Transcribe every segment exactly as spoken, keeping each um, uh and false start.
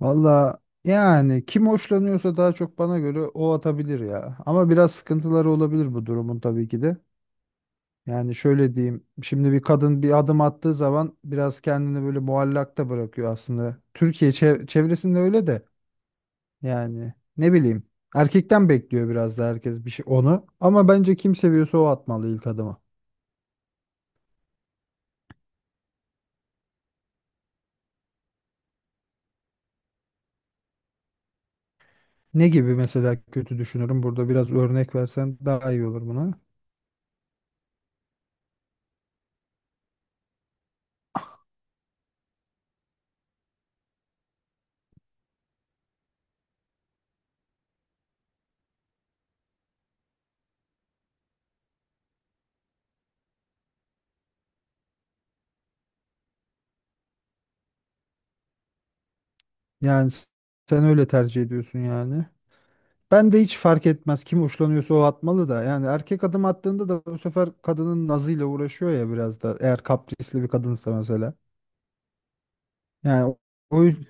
Valla yani kim hoşlanıyorsa daha çok bana göre o atabilir ya. Ama biraz sıkıntıları olabilir bu durumun tabii ki de. Yani şöyle diyeyim. Şimdi bir kadın bir adım attığı zaman biraz kendini böyle muallakta bırakıyor aslında. Türkiye çev- çevresinde öyle de yani ne bileyim. Erkekten bekliyor biraz da herkes bir şey onu. Ama bence kim seviyorsa o atmalı ilk adımı. Ne gibi mesela kötü düşünürüm burada biraz örnek versen daha iyi olur buna. Yani s- Sen öyle tercih ediyorsun yani. Ben de hiç fark etmez. Kim hoşlanıyorsa o atmalı da. Yani erkek adım attığında da bu sefer kadının nazıyla uğraşıyor ya biraz da. Eğer kaprisli bir kadınsa mesela. Yani o o yüzden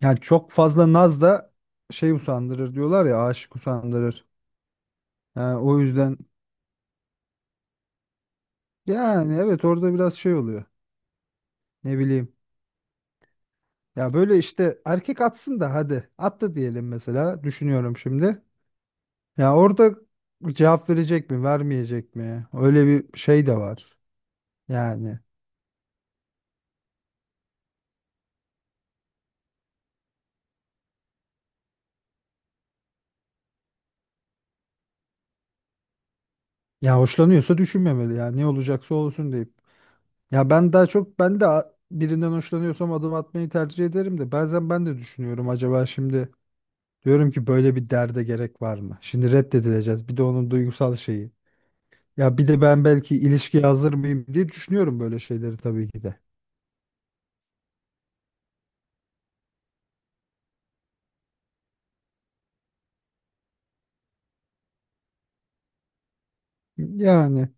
yani çok fazla naz da şey usandırır diyorlar ya aşık usandırır. Yani o yüzden yani evet orada biraz şey oluyor. Ne bileyim. Ya böyle işte erkek atsın da hadi. Attı diyelim mesela. Düşünüyorum şimdi. Ya orada cevap verecek mi, vermeyecek mi? Öyle bir şey de var. Yani. Ya hoşlanıyorsa düşünmemeli ya. Ne olacaksa olsun deyip. Ya ben daha çok ben de a- birinden hoşlanıyorsam adım atmayı tercih ederim de bazen ben de düşünüyorum acaba şimdi diyorum ki böyle bir derde gerek var mı? Şimdi reddedileceğiz. Bir de onun duygusal şeyi. Ya bir de ben belki ilişkiye hazır mıyım diye düşünüyorum böyle şeyleri tabii ki de. Yani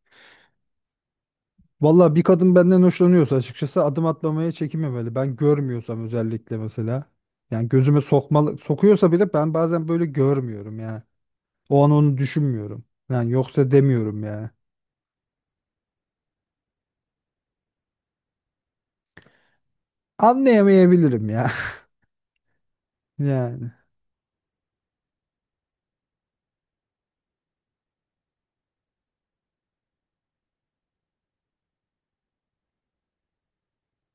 valla bir kadın benden hoşlanıyorsa açıkçası adım atmamaya çekinmemeli. Ben görmüyorsam özellikle mesela. Yani gözüme sokmalı sokuyorsa bile ben bazen böyle görmüyorum ya. O an onu düşünmüyorum. Yani yoksa demiyorum ya. Anlayamayabilirim ya. Yani.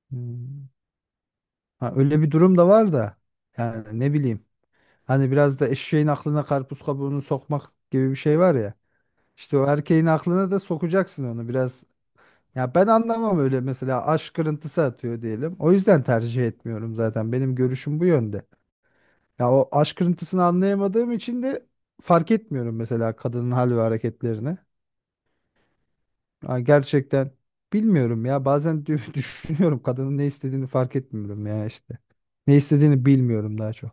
Hmm. Ha, öyle bir durum da var da. Yani ne bileyim. Hani biraz da eşeğin aklına karpuz kabuğunu sokmak gibi bir şey var ya. İşte o erkeğin aklına da sokacaksın onu biraz. Ya ben anlamam öyle mesela aşk kırıntısı atıyor diyelim. O yüzden tercih etmiyorum zaten. Benim görüşüm bu yönde. Ya o aşk kırıntısını anlayamadığım için de fark etmiyorum mesela kadının hal ve hareketlerini. Ya gerçekten bilmiyorum ya. Bazen dü- düşünüyorum kadının ne istediğini fark etmiyorum ya işte. Ne istediğini bilmiyorum daha çok.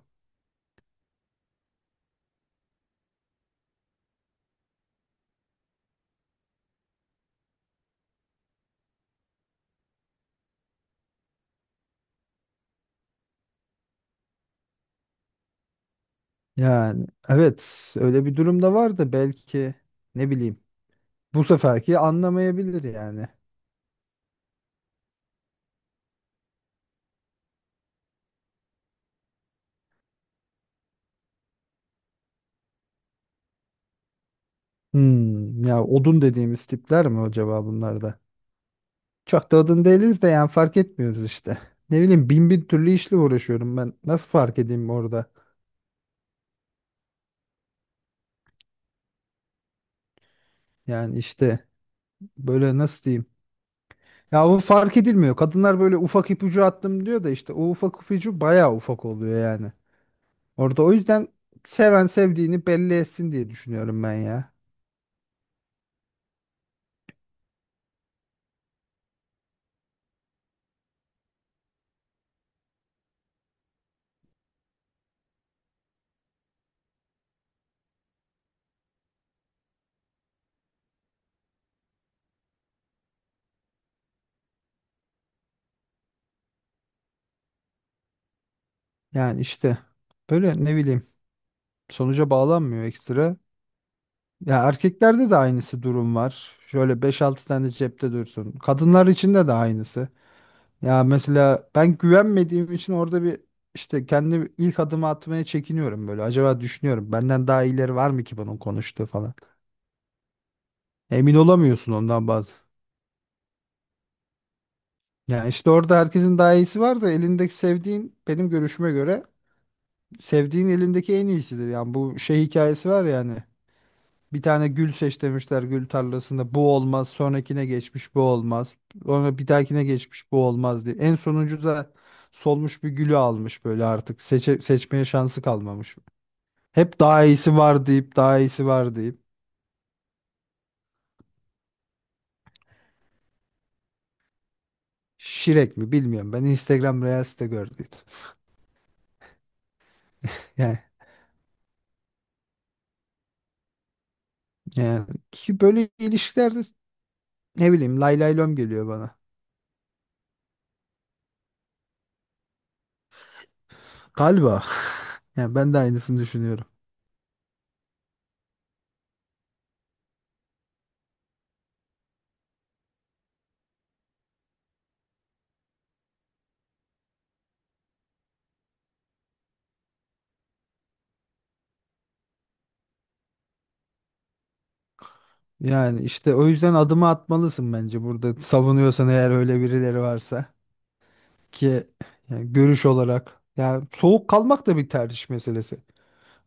Yani evet öyle bir durumda vardı belki ne bileyim. Bu seferki anlamayabilir yani. Hmm, ya odun dediğimiz tipler mi acaba bunlar da? Çok da odun değiliz de yani fark etmiyoruz işte. Ne bileyim bin bir türlü işle uğraşıyorum ben. Nasıl fark edeyim orada? Yani işte böyle nasıl diyeyim? Ya o fark edilmiyor. Kadınlar böyle ufak ipucu attım diyor da işte o ufak ipucu bayağı ufak oluyor yani. Orada o yüzden seven sevdiğini belli etsin diye düşünüyorum ben ya. Yani işte böyle ne bileyim sonuca bağlanmıyor ekstra. Ya erkeklerde de aynısı durum var. Şöyle beş altı tane cepte dursun. Kadınlar için de de aynısı. Ya mesela ben güvenmediğim için orada bir işte kendi ilk adımı atmaya çekiniyorum böyle. Acaba düşünüyorum benden daha iyileri var mı ki bunun konuştuğu falan. Emin olamıyorsun ondan bazı. Ya işte orada herkesin daha iyisi var da elindeki sevdiğin benim görüşüme göre sevdiğin elindeki en iyisidir. Yani bu şey hikayesi var yani. Bir tane gül seç demişler gül tarlasında. Bu olmaz. Sonrakine geçmiş bu olmaz. Sonra bir dahakine geçmiş bu olmaz diye. En sonuncu da solmuş bir gülü almış böyle artık. Seçe- seçmeye şansı kalmamış. Hep daha iyisi var deyip daha iyisi var deyip. Şirek mi bilmiyorum. Ben Instagram Reels'te gördüm. Yani, yani ki böyle ilişkilerde ne bileyim lay lay lom geliyor bana. Galiba. Yani ben de aynısını düşünüyorum. Yani işte o yüzden adımı atmalısın bence burada savunuyorsan eğer öyle birileri varsa ki yani görüş olarak yani soğuk kalmak da bir tercih meselesi.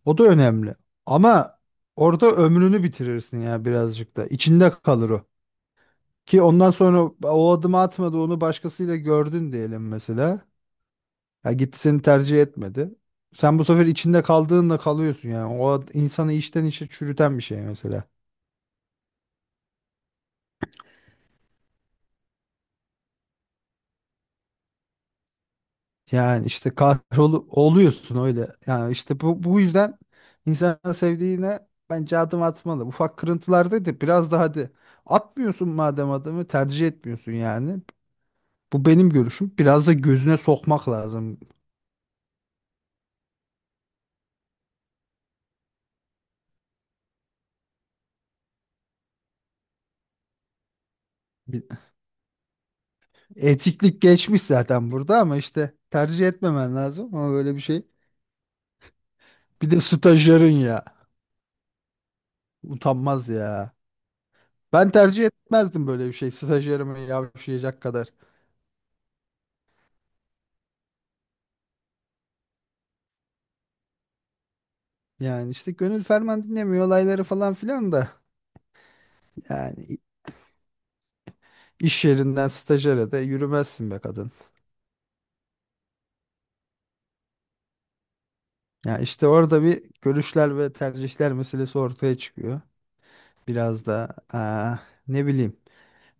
O da önemli. Ama orada ömrünü bitirirsin ya birazcık da. İçinde kalır o. Ki ondan sonra o adımı atmadı onu başkasıyla gördün diyelim mesela. Ya gitti seni tercih etmedi. Sen bu sefer içinde kaldığınla kalıyorsun yani. O ad- insanı içten içe çürüten bir şey mesela. Yani işte kahrolu oluyorsun öyle. Yani işte bu bu yüzden insan sevdiğine bence adım atmalı. Ufak kırıntılarda da biraz daha hadi atmıyorsun madem adımı tercih etmiyorsun yani. Bu benim görüşüm. Biraz da gözüne sokmak lazım. Bir- Etiklik geçmiş zaten burada ama işte tercih etmemen lazım ama böyle bir şey. Bir de stajyerin ya. Utanmaz ya. Ben tercih etmezdim böyle bir şey. Stajyerime yavşayacak kadar. Yani işte gönül ferman dinlemiyor olayları falan filan da. Yani iş yerinden stajyere de yürümezsin be kadın. Ya işte orada bir görüşler ve tercihler meselesi ortaya çıkıyor. Biraz da aa, ne bileyim.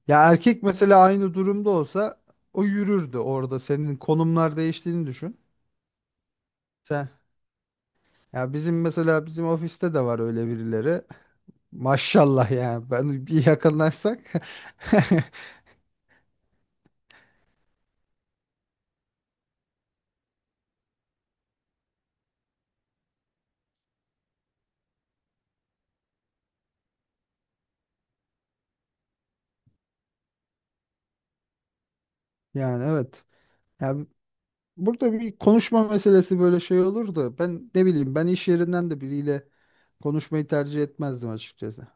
Ya erkek mesela aynı durumda olsa o yürürdü orada. Senin konumlar değiştiğini düşün. Sen ya bizim mesela bizim ofiste de var öyle birileri. Maşallah yani ben bir yakınlaşsak. Yani evet. Ya burada bir konuşma meselesi böyle şey olur da ben ne bileyim ben iş yerinden de biriyle konuşmayı tercih etmezdim açıkçası.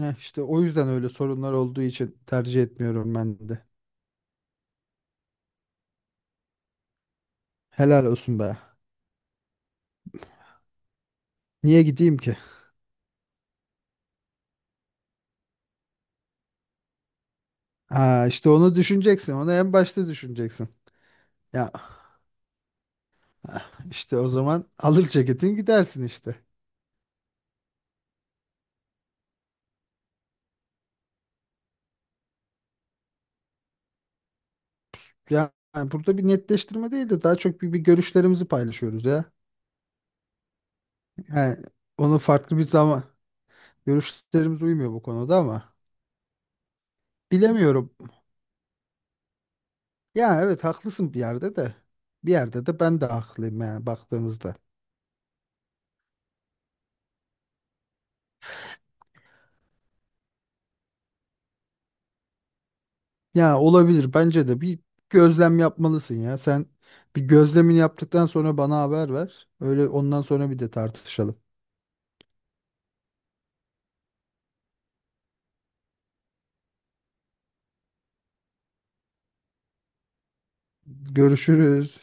Heh, işte o yüzden öyle sorunlar olduğu için tercih etmiyorum ben de. Helal olsun be. Niye gideyim ki? Aa, işte onu düşüneceksin. Onu en başta düşüneceksin. Ya ah, işte o zaman alır ceketin gidersin işte. Ya yani burada bir netleştirme değil de daha çok bir, bir görüşlerimizi paylaşıyoruz ya. Yani onu farklı bir zaman görüşlerimiz uymuyor bu konuda ama bilemiyorum. Ya evet haklısın bir yerde de. Bir yerde de ben de haklıyım yani baktığımızda. Ya olabilir bence de bir gözlem yapmalısın ya. Sen bir gözlemini yaptıktan sonra bana haber ver. Öyle ondan sonra bir de tartışalım. Görüşürüz.